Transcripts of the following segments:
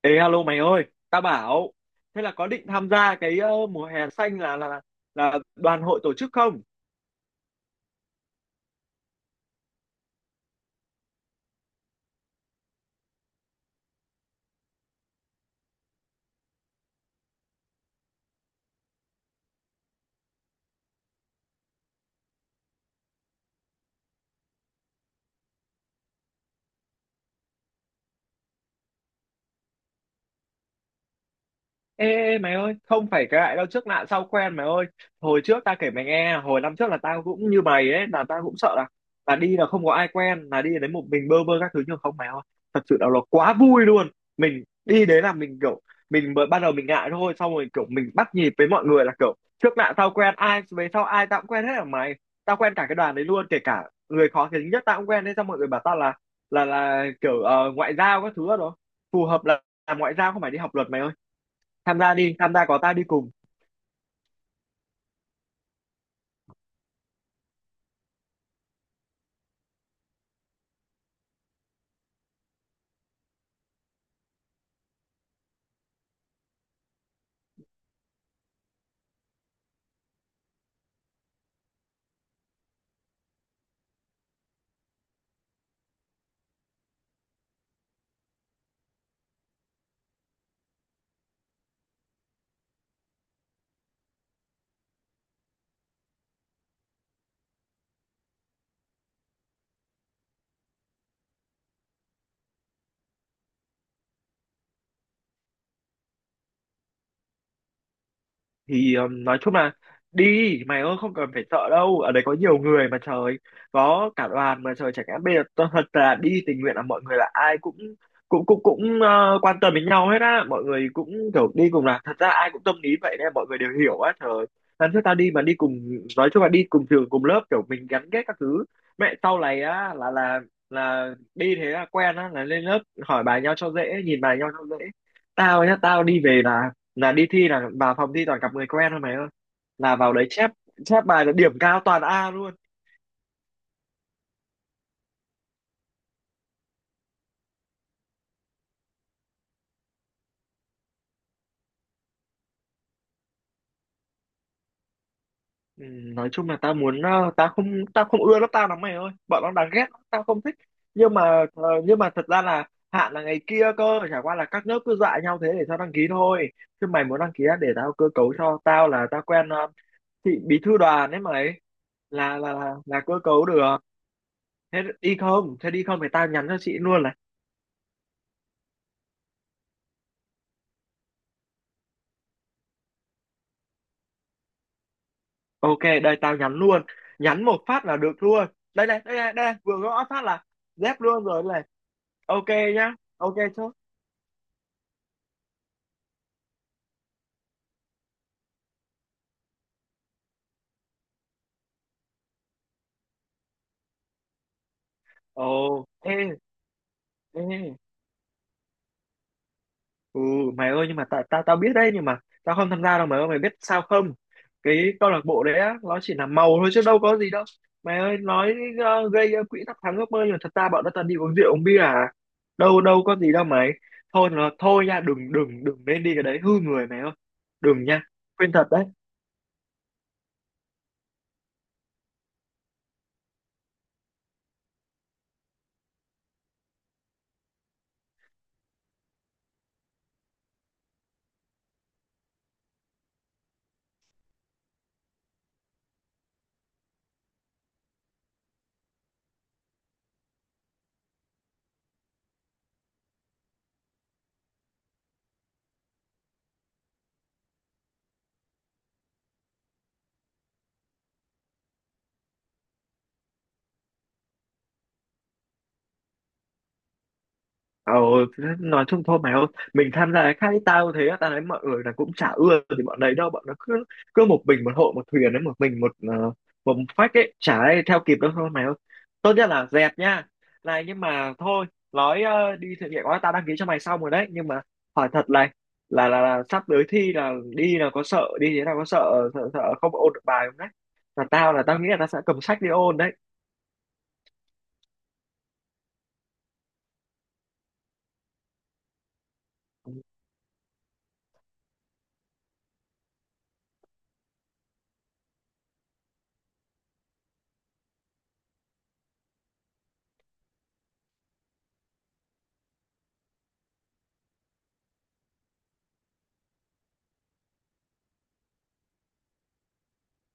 Ê alo mày ơi, tao bảo thế là có định tham gia cái mùa hè xanh là đoàn hội tổ chức không? Ê, ê mày ơi, không phải cái lại đâu trước nạn sau quen mày ơi. Hồi trước ta kể mày nghe, hồi năm trước là tao cũng như mày ấy, là tao cũng sợ là đi là không có ai quen, là đi đến một mình bơ bơ các thứ nhưng không mày ơi. Thật sự là nó quá vui luôn. Mình đi đến là mình kiểu mình mới ban đầu mình ngại thôi, xong rồi kiểu mình bắt nhịp với mọi người là kiểu trước nạn sau quen, ai về sau ai tao cũng quen hết ở mày. Tao quen cả cái đoàn đấy luôn, kể cả người khó tính nhất tao cũng quen đấy xong mọi người bảo tao là kiểu ngoại giao các thứ đó. Phù hợp là làm ngoại giao không phải đi học luật mày ơi, tham gia đi, tham gia có tao đi cùng. Thì nói chung là đi mày ơi, không cần phải sợ đâu, ở đấy có nhiều người mà trời, có cả đoàn mà trời. Chẳng hạn bây giờ tôi thật là đi tình nguyện là mọi người là ai cũng cũng quan tâm đến nhau hết á, mọi người cũng kiểu đi cùng là thật ra ai cũng tâm lý vậy nên mọi người đều hiểu á trời. Lần trước tao đi mà đi cùng, nói chung là đi cùng trường cùng lớp kiểu mình gắn kết các thứ, mẹ sau này á là đi thế là quen á, là lên lớp hỏi bài nhau cho dễ, nhìn bài nhau cho dễ. Tao nhá, tao đi về là đi thi là vào phòng thi toàn gặp người quen thôi mày ơi, là vào đấy chép, chép bài là điểm cao toàn A luôn. Ừ, nói chung là tao muốn, tao không, tao không ưa lớp tao lắm mày ơi, bọn nó đáng ghét lắm, tao không thích. Nhưng mà nhưng mà thật ra là hạn là ngày kia cơ, chả qua là các lớp cứ dọa nhau thế để tao đăng ký thôi, chứ mày muốn đăng ký á, để tao cơ cấu cho. Tao là tao quen chị bí thư đoàn ấy mày, là cơ cấu được. Thế đi không, thế đi không thì tao nhắn cho chị luôn là ok. Đây tao nhắn luôn. Nhắn một phát là được luôn. Đây này, đây này, đây này. Vừa gõ phát là dép luôn rồi đây này. Ok nhá. Ok chứ. Ồ, ê, ê. Ừ, mày ơi, nhưng mà tao tao tao biết đấy, nhưng mà tao không tham gia đâu mày ơi, mày biết sao không? Cái câu lạc bộ đấy á, nó chỉ là màu thôi chứ đâu có gì đâu. Mày ơi, nói gây quỹ thắp sáng ước mơ, nhưng mà thật ra bọn nó toàn đi uống rượu uống bia à. Đâu đâu có gì đâu mày. Thôi nó thôi nha, đừng đừng đừng nên đi cái đấy hư người mày ơi. Đừng nha. Khuyên thật đấy. Ờ, nói chung thôi mày ơi, mình tham gia cái khác. Tao thế á, tao thấy mọi người là cũng chả ưa thì bọn đấy đâu, bọn nó cứ cứ một mình một hộ một thuyền đấy, một mình một một phách ấy, chả ai theo kịp đâu thôi mày ơi, tốt nhất là dẹp nha. Này nhưng mà thôi, nói đi thực hiện quá, tao đăng ký cho mày xong rồi đấy, nhưng mà hỏi thật này là là sắp tới thi là đi là có sợ, đi thế nào có sợ, sợ không ôn được bài không đấy. Là tao, là tao nghĩ là tao sẽ cầm sách đi ôn đấy.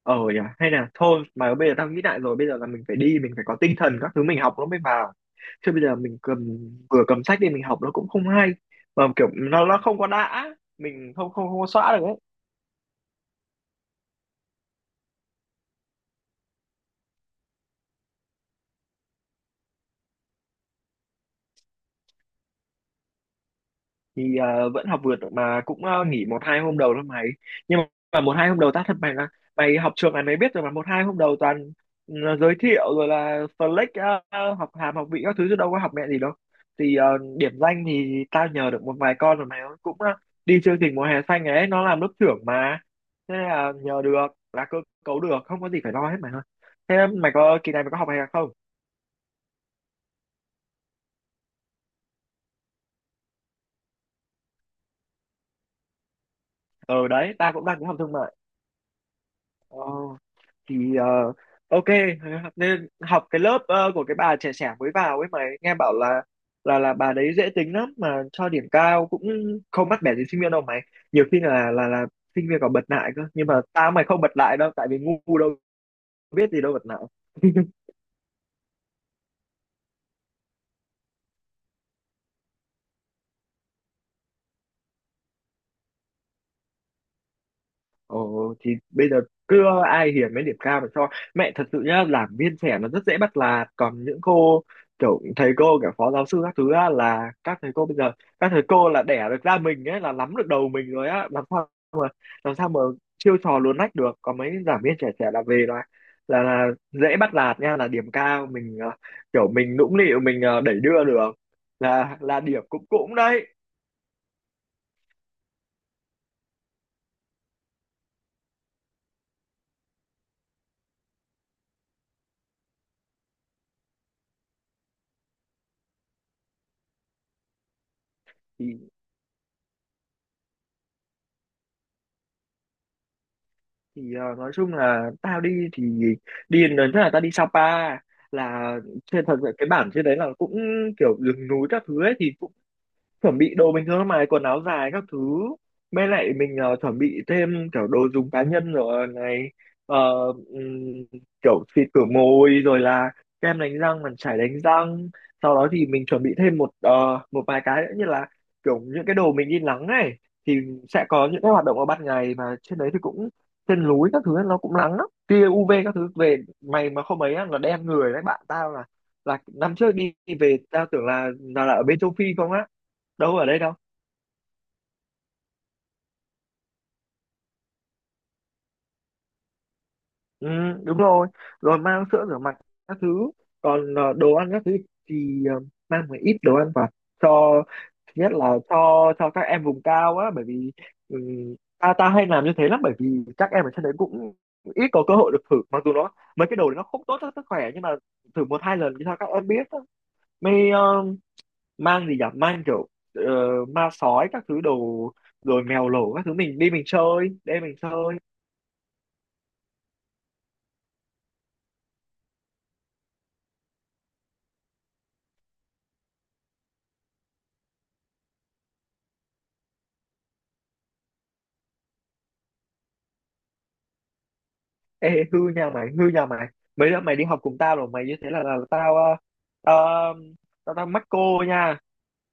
Ờ nhỉ, hay là thôi. Mà bây giờ tao nghĩ lại rồi, bây giờ là mình phải đi, mình phải có tinh thần các thứ mình học nó mới vào, chứ bây giờ mình cầm, vừa cầm sách đi mình học nó cũng không hay, mà kiểu nó không có đã, mình không không không có xóa được ấy. Thì vẫn học vượt mà, cũng nghỉ một hai hôm đầu thôi mày, nhưng mà một hai hôm đầu tao thật mày là mày học trường này mày biết rồi mà, một hai hôm đầu toàn, ừ, giới thiệu rồi là flex học hàm học vị các thứ chứ đâu có học mẹ gì đâu. Thì điểm danh thì tao nhờ được một vài con rồi, mày cũng đi chương trình mùa hè xanh ấy, nó làm lớp trưởng mà. Thế là nhờ được, là cơ cấu được, không có gì phải lo hết mày ơi. Thế mày có kỳ này, mày có học hè không? Ờ đấy, tao cũng đang tính học thương mại. Ờ thì ok, nên học cái lớp của cái bà trẻ trẻ mới vào ấy, mà nghe bảo là là bà đấy dễ tính lắm, mà cho điểm cao cũng không bắt bẻ gì sinh viên đâu mày. Nhiều khi là sinh viên còn bật lại cơ, nhưng mà tao mày không bật lại đâu, tại vì ngu đâu biết gì đâu bật lại. Ồ thì bây giờ cứ ai hiền mấy điểm cao mà cho. Mẹ thật sự nhá, làm viên trẻ nó rất dễ bắt nạt, còn những cô kiểu thầy cô kiểu phó giáo sư các thứ á, là các thầy cô bây giờ, các thầy cô là đẻ được ra mình ấy, là nắm được đầu mình rồi á, làm sao, làm sao mà chiêu trò luồn lách được. Còn mấy giảng viên trẻ trẻ là về là là dễ bắt nạt nha, là điểm cao mình kiểu mình nũng nịu mình đẩy đưa được, là điểm cũng, cũng đấy. Thì thì nói chung là tao đi thì, đi lần trước là tao đi Sapa, là trên thật sự cái bản trên đấy là cũng kiểu rừng núi các thứ ấy, thì cũng chuẩn bị đồ bình thường mà, quần áo dài các thứ, mới lại mình chuẩn bị thêm kiểu đồ dùng cá nhân rồi này. Ờ, ừm, kiểu xịt khử môi rồi là kem đánh răng, màn chải đánh răng, sau đó thì mình chuẩn bị thêm một một vài cái nữa như là kiểu những cái đồ mình đi nắng này. Thì sẽ có những cái hoạt động ở ban ngày mà trên đấy, thì cũng trên núi các thứ nó cũng nắng lắm, tia UV các thứ, về mày mà không ấy á, là đen người đấy. Bạn tao là, năm trước đi, đi về tao tưởng là là ở bên châu Phi không á, đâu ở đây đâu. Ừ, đúng rồi. Rồi mang sữa rửa mặt các thứ. Còn đồ ăn các thứ thì mang một ít đồ ăn vào cho, thứ nhất là cho các em vùng cao á, bởi vì, ừ, ta ta hay làm như thế lắm, bởi vì các em ở trên đấy cũng ít có cơ hội được thử, mặc dù nó, mấy cái đồ đấy nó không tốt cho sức khỏe nhưng mà thử một hai lần thì sao các em biết á. Mới mang gì nhỉ, mang kiểu ờ, ma sói các thứ đồ, rồi mèo lổ các thứ, mình đi mình chơi đây, mình chơi. Ê, hư nha mày, hư nha mày. Mấy đứa mày đi học cùng tao rồi, mày như thế là, là, tao, ờ, tao, tao, tao mắc cô nha.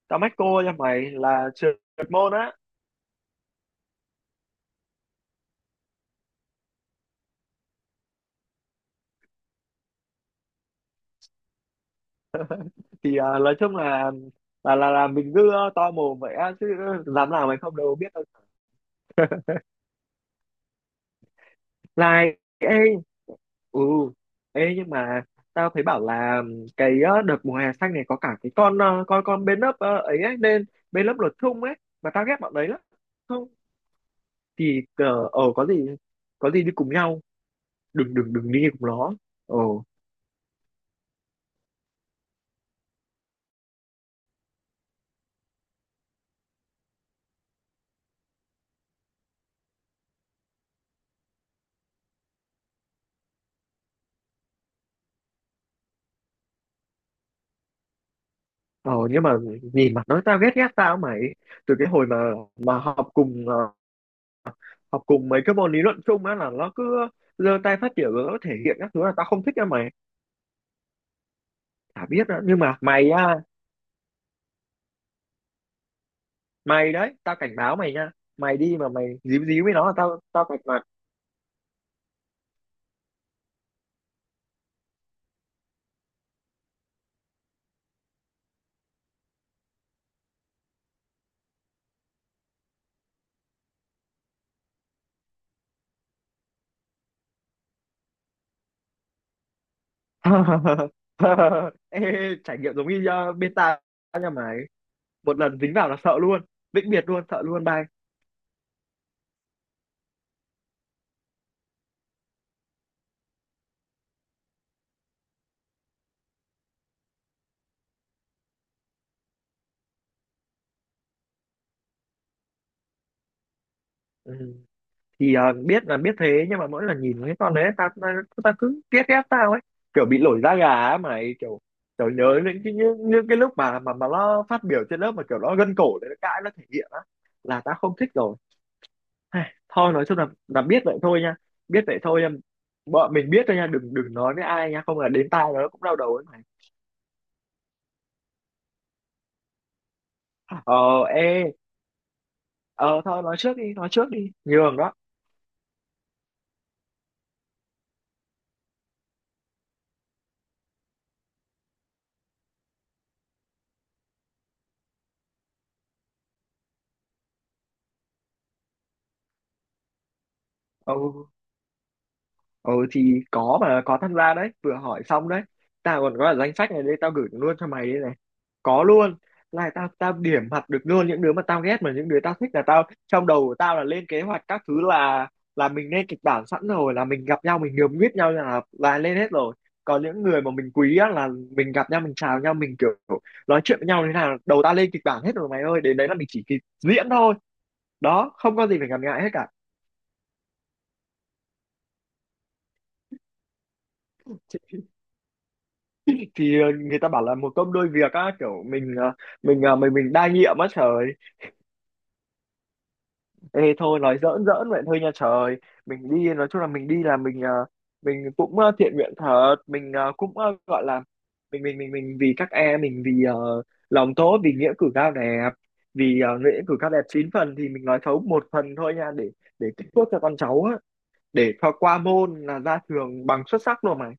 Tao mắc cô nha mày, là trượt môn á. Thì nói chung là mình cứ to mồm vậy á, chứ dám làm nào, mày không đâu biết đâu. Like, ê, ừ, ê nhưng mà tao thấy bảo là cái đợt mùa hè xanh này có cả cái con, con bên lớp ấy ấy, nên bên lớp luật thung ấy, mà tao ghét bọn đấy lắm. Không, thì có gì đi cùng nhau. Đừng đừng đừng đi cùng nó. Ồ, ồ nhưng mà nhìn mặt nó tao ghét ghét tao mày, từ cái hồi mà học cùng học cùng mấy cái môn lý luận chung á, là nó cứ giơ tay phát biểu rồi nó thể hiện các thứ là tao không thích á mày. Chả biết á, nhưng mà mày á, mày đấy tao cảnh báo mày nha, mày đi mà mày díu díu với nó là tao tao cạch mặt. Ê, trải nghiệm giống như bên tao nha mày, một lần dính vào là sợ luôn, vĩnh biệt luôn, sợ luôn, bye. Ừ. Thì biết là biết thế, nhưng mà mỗi lần nhìn cái con đấy ta ta, ta cứ ghét ghét tao ấy, kiểu bị nổi da gà á mày, kiểu kiểu nhớ những cái như, như cái lúc mà nó phát biểu trên lớp mà kiểu nó gân cổ đấy, nó cãi nó thể hiện á, là ta không thích rồi. Ai, thôi nói chung là biết vậy thôi nha, biết vậy thôi nha, bọn mình biết thôi nha, đừng đừng nói với ai nha, không là đến tai nó cũng đau đầu ấy mày. Ờ, ê, ờ thôi, nói trước đi, nói trước đi nhường đó. Ừ, ừ thì có, mà có tham gia đấy, vừa hỏi xong đấy. Tao còn có cả danh sách này đây, tao gửi luôn cho mày đây này, có luôn. Này tao tao điểm mặt được luôn những đứa mà tao ghét, mà những đứa tao thích là tao trong đầu của tao là lên kế hoạch các thứ, là mình lên kịch bản sẵn rồi, là mình gặp nhau mình nhường biết nhau là lên hết rồi. Còn những người mà mình quý á, là mình gặp nhau mình chào nhau mình kiểu nói chuyện với nhau thế nào, đầu tao lên kịch bản hết rồi mày ơi, đến đấy là mình chỉ kịp diễn thôi. Đó, không có gì phải ngần ngại hết cả. Thì người ta bảo là một công đôi việc á, kiểu mình mình mình đa nhiệm á trời. Ê thôi nói giỡn giỡn vậy thôi nha trời, mình đi nói chung là mình đi là mình mình cũng thiện nguyện thật, mình cũng gọi là mình vì các em, mình vì lòng tốt, vì nghĩa cử cao đẹp, vì nghĩa cử cao đẹp 9 phần thì mình nói xấu một phần thôi nha, để tích phước cho con cháu á, để cho qua môn là ra trường bằng xuất sắc luôn mà.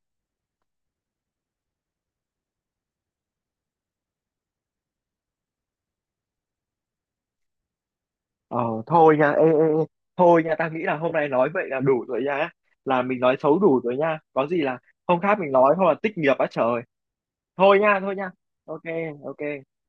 Ờ, thôi nha, ê, ê, ê. Thôi nha, tao nghĩ là hôm nay nói vậy là đủ rồi nha, là mình nói xấu đủ rồi nha, có gì là hôm khác mình nói, hoặc là tích nghiệp á trời. Thôi nha, thôi nha, ok, ok.